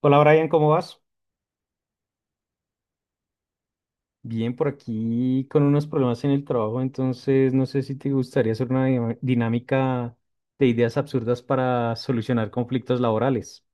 Hola Brian, ¿cómo vas? Bien, por aquí con unos problemas en el trabajo, entonces no sé si te gustaría hacer una dinámica de ideas absurdas para solucionar conflictos laborales.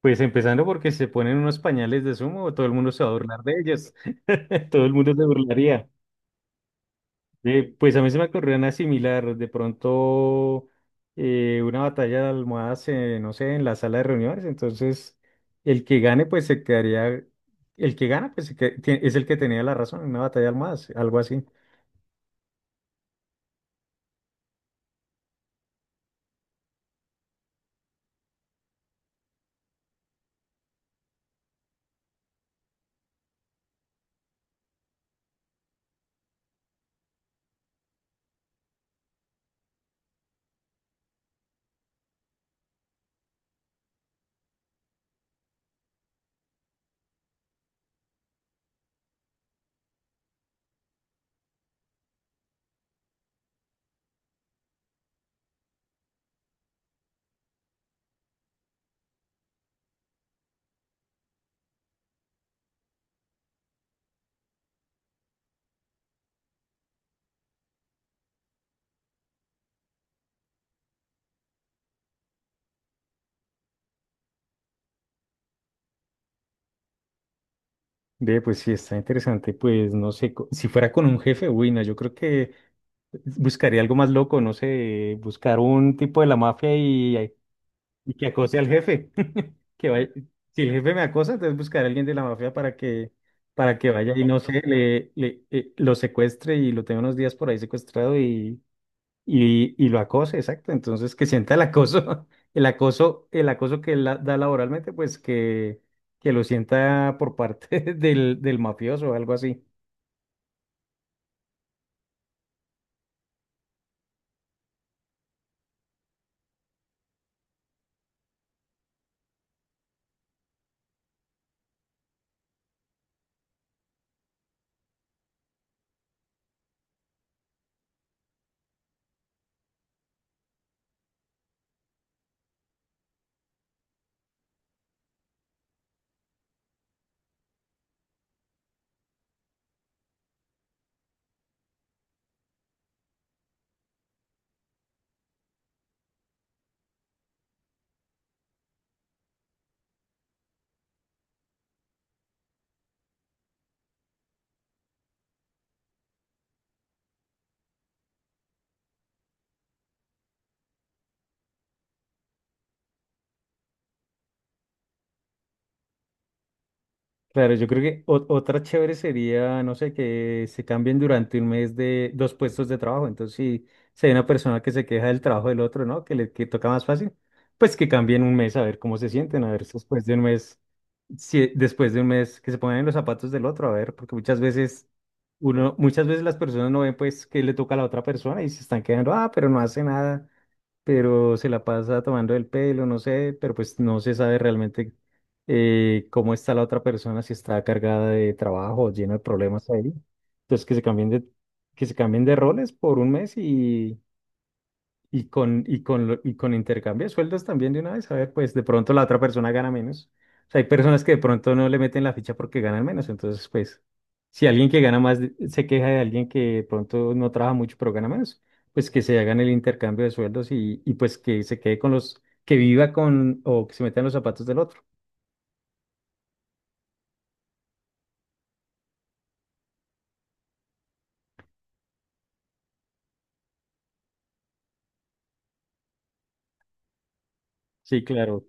Pues empezando porque si se ponen unos pañales de sumo, todo el mundo se va a burlar de ellos. Todo el mundo se burlaría. Pues a mí se me ocurrió una similar, de pronto una batalla de almohadas, no sé, en la sala de reuniones, entonces el que gane pues se quedaría, el que gana pues es el que tenía la razón, una batalla de almohadas, algo así. Ve, pues sí, está interesante, pues no sé, si fuera con un jefe, uy, no, yo creo que buscaría algo más loco, no sé, buscar un tipo de la mafia. Y que acose al jefe. Que vaya. Si el jefe me acosa, entonces buscaré a alguien de la mafia para que vaya y no sé, lo secuestre y lo tenga unos días por ahí secuestrado y y lo acose, exacto. Entonces que sienta el acoso, el acoso que da laboralmente, que lo sienta por parte del mafioso o algo así. Claro, yo creo que otra chévere sería, no sé, que se cambien durante un mes de dos puestos de trabajo. Entonces, si hay una persona que se queja del trabajo del otro, ¿no? Que le que toca más fácil, pues que cambien un mes a ver cómo se sienten, a ver si después de un mes, si después de un mes que se pongan en los zapatos del otro, a ver, porque muchas muchas veces las personas no ven pues que le toca a la otra persona y se están quedando, ah, pero no hace nada, pero se la pasa tomando el pelo, no sé, pero pues no se sabe realmente cómo está la otra persona, si está cargada de trabajo, llena de problemas ahí. Entonces que se cambien de roles por un mes y con intercambio de sueldos también de una vez, a ver, pues de pronto la otra persona gana menos. O sea, hay personas que de pronto no le meten la ficha porque ganan menos, entonces pues si alguien que gana más se queja de alguien que de pronto no trabaja mucho pero gana menos, pues que se hagan el intercambio de sueldos y y pues que se quede con los, que viva con o que se meta en los zapatos del otro. Sí, claro.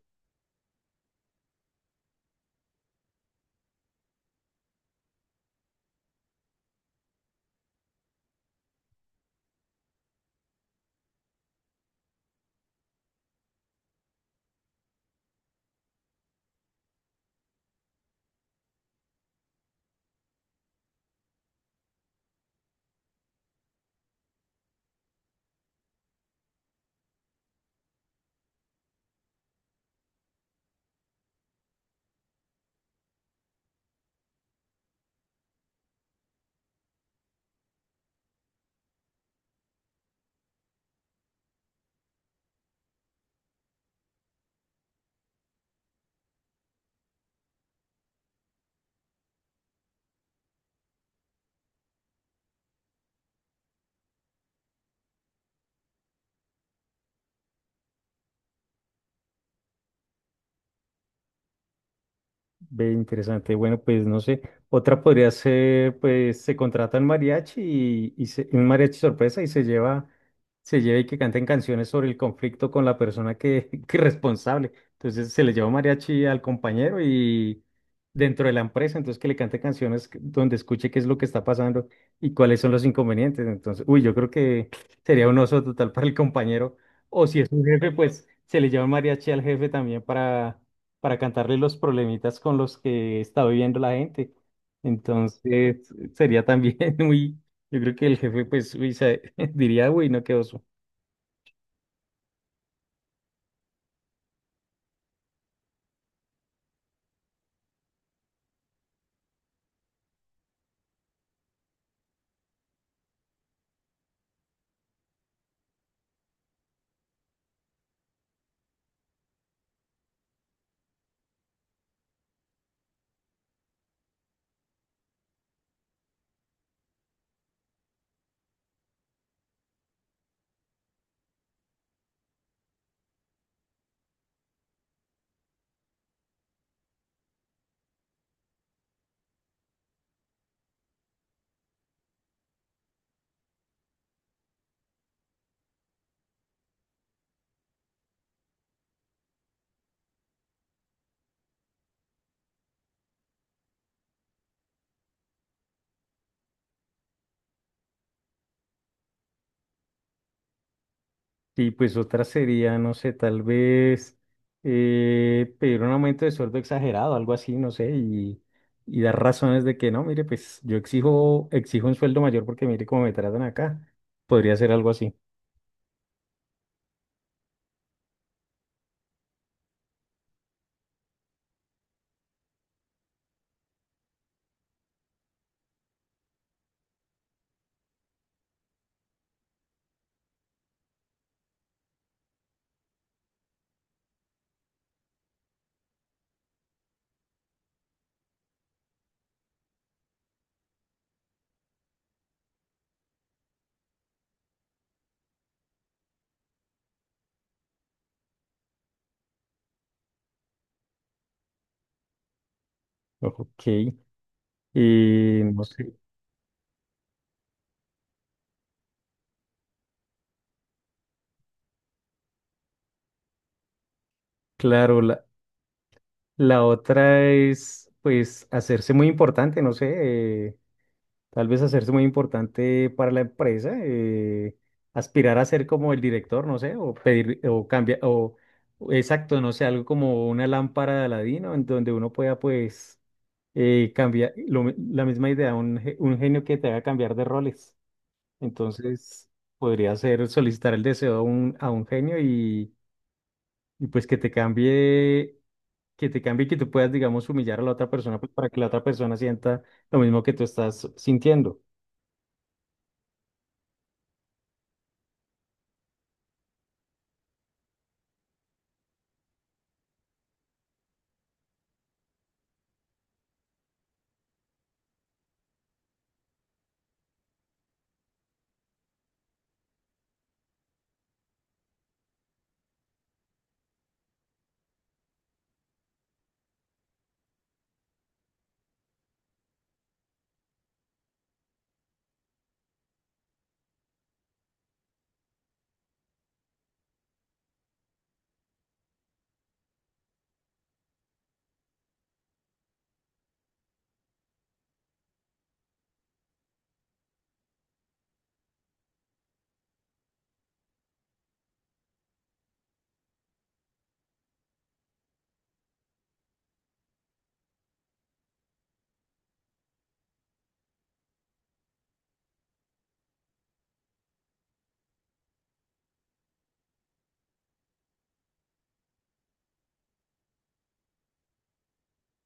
Ve, interesante. Bueno, pues no sé. Otra podría ser, pues se contrata un mariachi y un mariachi sorpresa y se lleva y que canten canciones sobre el conflicto con la persona que, que es responsable. Entonces se le lleva un mariachi al compañero y dentro de la empresa, entonces que le cante canciones donde escuche qué es lo que está pasando y cuáles son los inconvenientes. Entonces, uy, yo creo que sería un oso total para el compañero. O si es un jefe, pues se le lleva un mariachi al jefe también para cantarle los problemitas con los que está viviendo la gente. Entonces, sería también muy, yo creo que el jefe, pues, uy, diría, uy, no, qué oso. Y pues otra sería, no sé, tal vez pedir un aumento de sueldo exagerado, algo así, no sé, y dar razones de que no, mire, pues yo exijo un sueldo mayor porque mire cómo me tratan acá. Podría ser algo así. Ok. Y no sé. Claro, la otra es, pues, hacerse muy importante, no sé, eh, tal vez hacerse muy importante para la empresa, aspirar a ser como el director, no sé, o pedir, o cambiar, o exacto, no sé, algo como una lámpara de Aladino, en donde uno pueda, pues, cambiar, la misma idea, un genio que te haga cambiar de roles. Entonces, podría ser solicitar el deseo a a un genio y pues que te cambie y que tú puedas, digamos, humillar a la otra persona pues, para que la otra persona sienta lo mismo que tú estás sintiendo.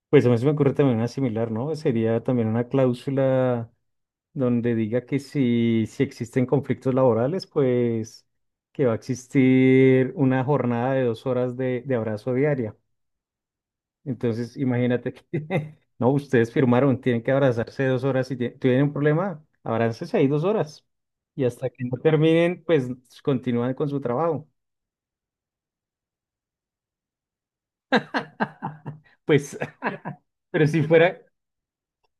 Pues a mí se me ocurre también una similar, ¿no? Sería también una cláusula donde diga que si existen conflictos laborales, pues que va a existir una jornada de 2 horas de abrazo diaria. Entonces, imagínate que, no, ustedes firmaron, tienen que abrazarse 2 horas si tienen un problema, abrácense ahí 2 horas. Y hasta que no terminen, pues continúan con su trabajo. Pues, pero si fuera,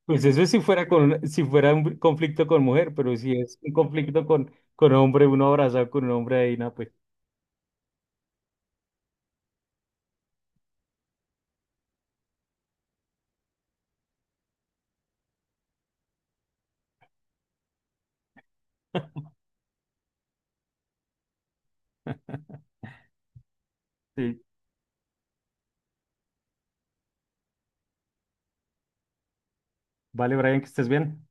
pues eso es si fuera si fuera un conflicto con mujer, pero si es un conflicto con hombre, uno abrazado con un hombre ahí, no, pues. Sí. Vale, Brian, que estés bien.